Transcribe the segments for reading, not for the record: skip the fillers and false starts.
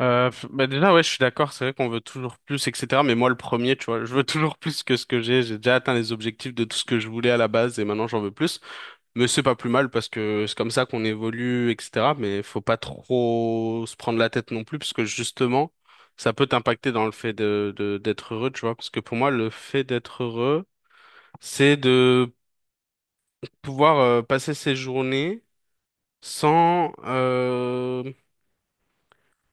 Bah déjà, ouais, je suis d'accord, c'est vrai qu'on veut toujours plus, etc. Mais moi, le premier, tu vois, je veux toujours plus que ce que j'ai. J'ai déjà atteint les objectifs de tout ce que je voulais à la base et maintenant j'en veux plus. Mais c'est pas plus mal parce que c'est comme ça qu'on évolue, etc. Mais faut pas trop se prendre la tête non plus parce que justement, ça peut t'impacter dans le fait d'être heureux, tu vois. Parce que pour moi, le fait d'être heureux, c'est de pouvoir passer ses journées sans,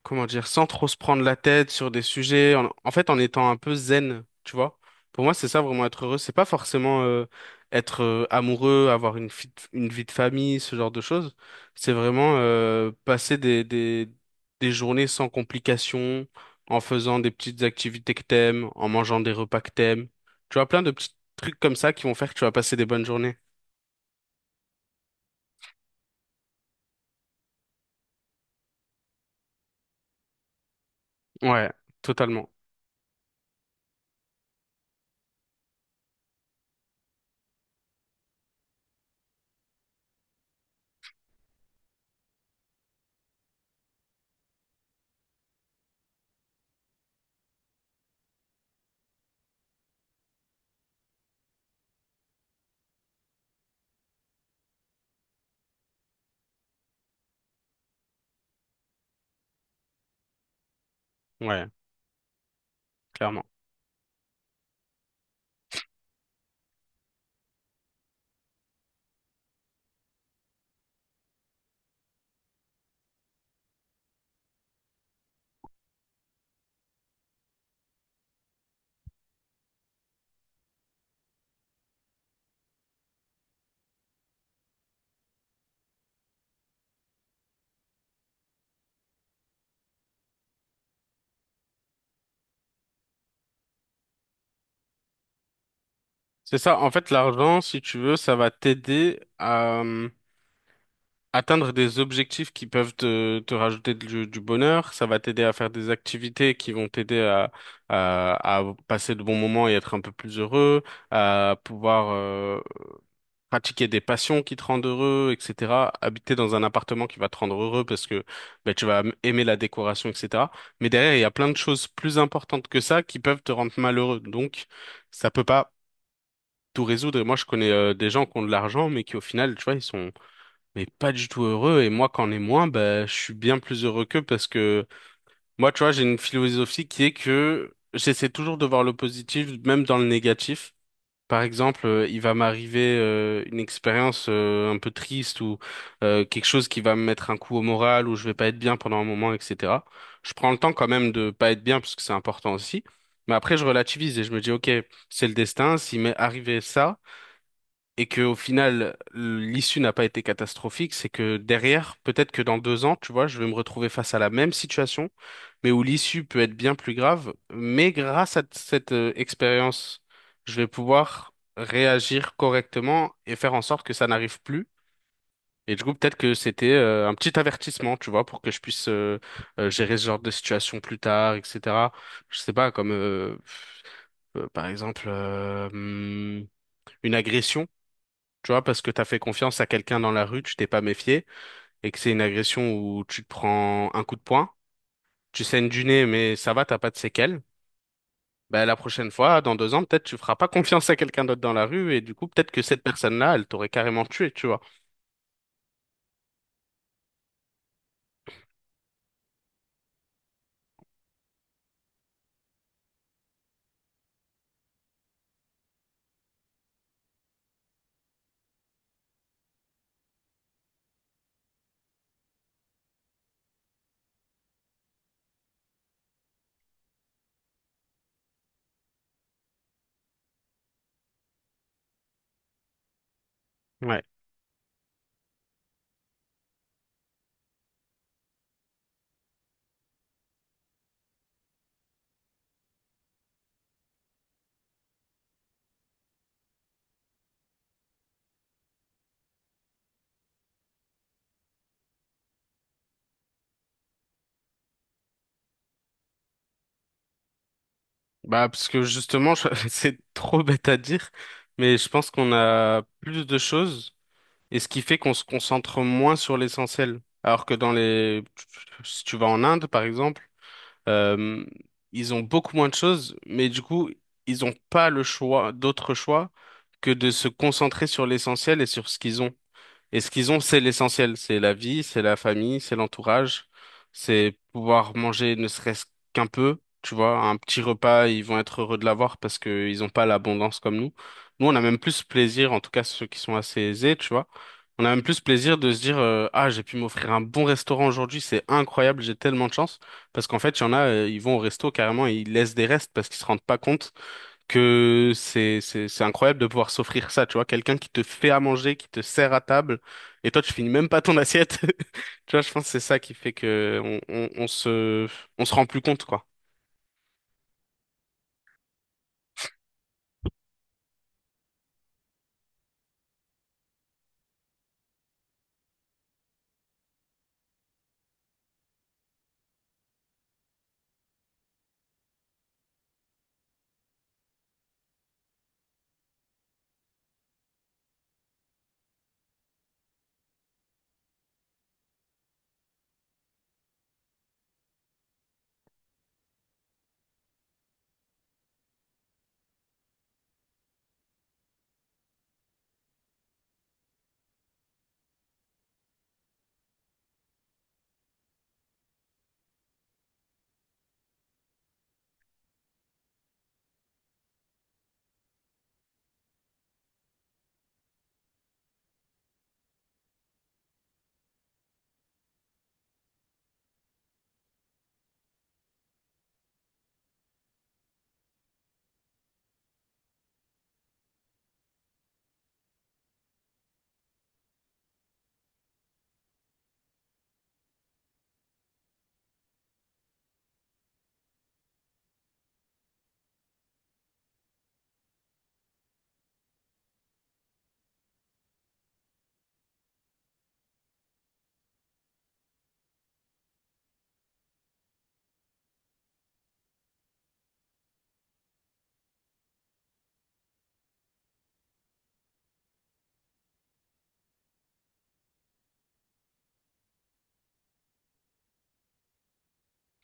comment dire, sans trop se prendre la tête sur des sujets, en fait, en étant un peu zen, tu vois. Pour moi, c'est ça vraiment être heureux. C'est pas forcément être amoureux, avoir une vie de famille, ce genre de choses. C'est vraiment passer des journées sans complications, en faisant des petites activités que t'aimes, en mangeant des repas que t'aimes. Tu vois, plein de petits trucs comme ça qui vont faire que tu vas passer des bonnes journées. Ouais, totalement. Ouais, clairement. C'est ça, en fait, l'argent, si tu veux, ça va t'aider à atteindre des objectifs qui peuvent te rajouter du bonheur, ça va t'aider à faire des activités qui vont t'aider à passer de bons moments et être un peu plus heureux, à pouvoir pratiquer des passions qui te rendent heureux, etc. Habiter dans un appartement qui va te rendre heureux parce que ben, tu vas aimer la décoration, etc. Mais derrière, il y a plein de choses plus importantes que ça qui peuvent te rendre malheureux. Donc, ça peut pas tout résoudre. Et moi, je connais des gens qui ont de l'argent, mais qui au final, tu vois, ils sont mais pas du tout heureux. Et moi, quand on est moins, bah, je suis bien plus heureux qu'eux parce que moi, tu vois, j'ai une philosophie qui est que j'essaie toujours de voir le positif, même dans le négatif. Par exemple, il va m'arriver une expérience un peu triste ou quelque chose qui va me mettre un coup au moral ou je vais pas être bien pendant un moment, etc. Je prends le temps quand même de pas être bien parce que c'est important aussi. Mais après, je relativise et je me dis, OK, c'est le destin. S'il m'est arrivé ça, et que au final l'issue n'a pas été catastrophique, c'est que derrière, peut-être que dans 2 ans, tu vois, je vais me retrouver face à la même situation, mais où l'issue peut être bien plus grave, mais grâce à cette expérience, je vais pouvoir réagir correctement et faire en sorte que ça n'arrive plus. Et du coup, peut-être que c'était un petit avertissement, tu vois, pour que je puisse gérer ce genre de situation plus tard, etc. Je sais pas, comme par exemple une agression. Tu vois, parce que t'as fait confiance à quelqu'un dans la rue, tu t'es pas méfié, et que c'est une agression où tu te prends un coup de poing, tu saignes du nez, mais ça va, t'as pas de séquelles. Bah, la prochaine fois, dans 2 ans, peut-être tu feras pas confiance à quelqu'un d'autre dans la rue, et du coup, peut-être que cette personne-là, elle t'aurait carrément tué, tu vois. Ouais. Bah, parce que justement, c'est trop bête à dire, mais je pense qu'on a plus de choses, et ce qui fait qu'on se concentre moins sur l'essentiel. Alors que si tu vas en Inde, par exemple, Euh, ils ont beaucoup moins de choses, mais du coup, ils n'ont pas le choix, d'autre choix que de se concentrer sur l'essentiel et sur ce qu'ils ont. Et ce qu'ils ont, c'est l'essentiel. C'est la vie, c'est la famille, c'est l'entourage, c'est pouvoir manger ne serait-ce qu'un peu. Tu vois, un petit repas, ils vont être heureux de l'avoir parce qu'ils n'ont pas l'abondance comme nous. Nous, on a même plus plaisir, en tout cas ceux qui sont assez aisés, tu vois. On a même plus plaisir de se dire, ah, j'ai pu m'offrir un bon restaurant aujourd'hui, c'est incroyable, j'ai tellement de chance. Parce qu'en fait, il y en a, ils vont au resto carrément et ils laissent des restes parce qu'ils se rendent pas compte que c'est incroyable de pouvoir s'offrir ça, tu vois, quelqu'un qui te fait à manger, qui te sert à table, et toi tu finis même pas ton assiette. Tu vois, je pense que c'est ça qui fait que on se rend plus compte, quoi.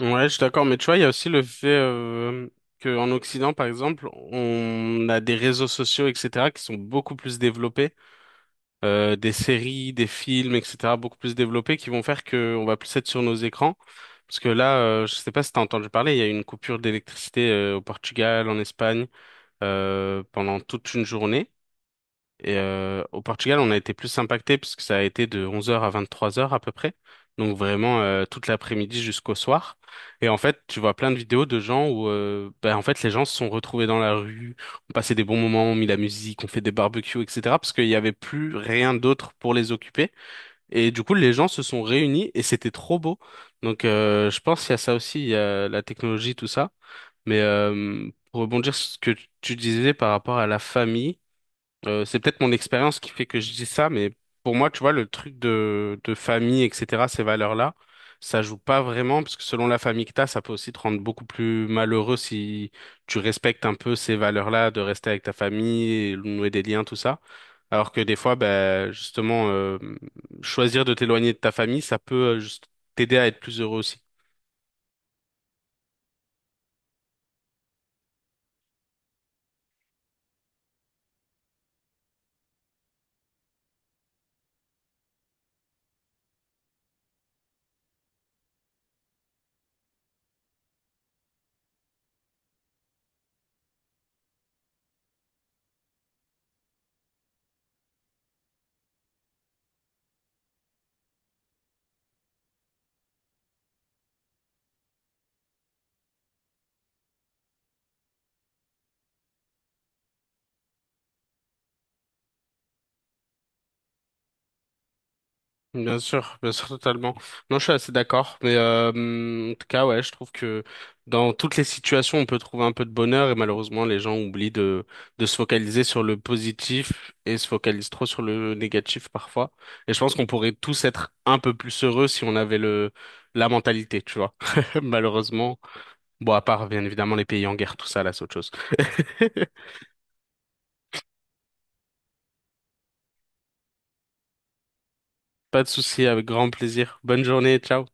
Ouais, je suis d'accord, mais tu vois, il y a aussi le fait qu'en Occident, par exemple, on a des réseaux sociaux, etc., qui sont beaucoup plus développés des séries, des films, etc., beaucoup plus développés qui vont faire que on va plus être sur nos écrans. Parce que là, je sais pas si t'as entendu parler, il y a eu une coupure d'électricité au Portugal, en Espagne, pendant toute une journée. Et au Portugal, on a été plus impacté puisque ça a été de 11 h à 23 h à peu près. Donc vraiment toute l'après-midi jusqu'au soir. Et en fait, tu vois plein de vidéos de gens où ben, en fait les gens se sont retrouvés dans la rue, ont passé des bons moments, ont mis la musique, ont fait des barbecues, etc. Parce qu'il n'y avait plus rien d'autre pour les occuper. Et du coup, les gens se sont réunis et c'était trop beau. Donc je pense qu'il y a ça aussi, il y a la technologie, tout ça. Mais pour rebondir sur ce que tu disais par rapport à la famille. C'est peut-être mon expérience qui fait que je dis ça, mais pour moi, tu vois, le truc de famille, etc., ces valeurs-là, ça joue pas vraiment, parce que selon la famille que t'as, ça peut aussi te rendre beaucoup plus malheureux si tu respectes un peu ces valeurs-là, de rester avec ta famille, et nouer des liens, tout ça. Alors que des fois, ben, justement, choisir de t'éloigner de ta famille, ça peut juste t'aider à être plus heureux aussi. Bien sûr, totalement. Non, je suis assez d'accord. Mais en tout cas, ouais, je trouve que dans toutes les situations, on peut trouver un peu de bonheur et malheureusement, les gens oublient de se focaliser sur le positif et se focalisent trop sur le négatif parfois. Et je pense qu'on pourrait tous être un peu plus heureux si on avait le la mentalité, tu vois. Malheureusement, bon, à part bien évidemment les pays en guerre, tout ça, là, c'est autre chose. Pas de souci, avec grand plaisir. Bonne journée, ciao.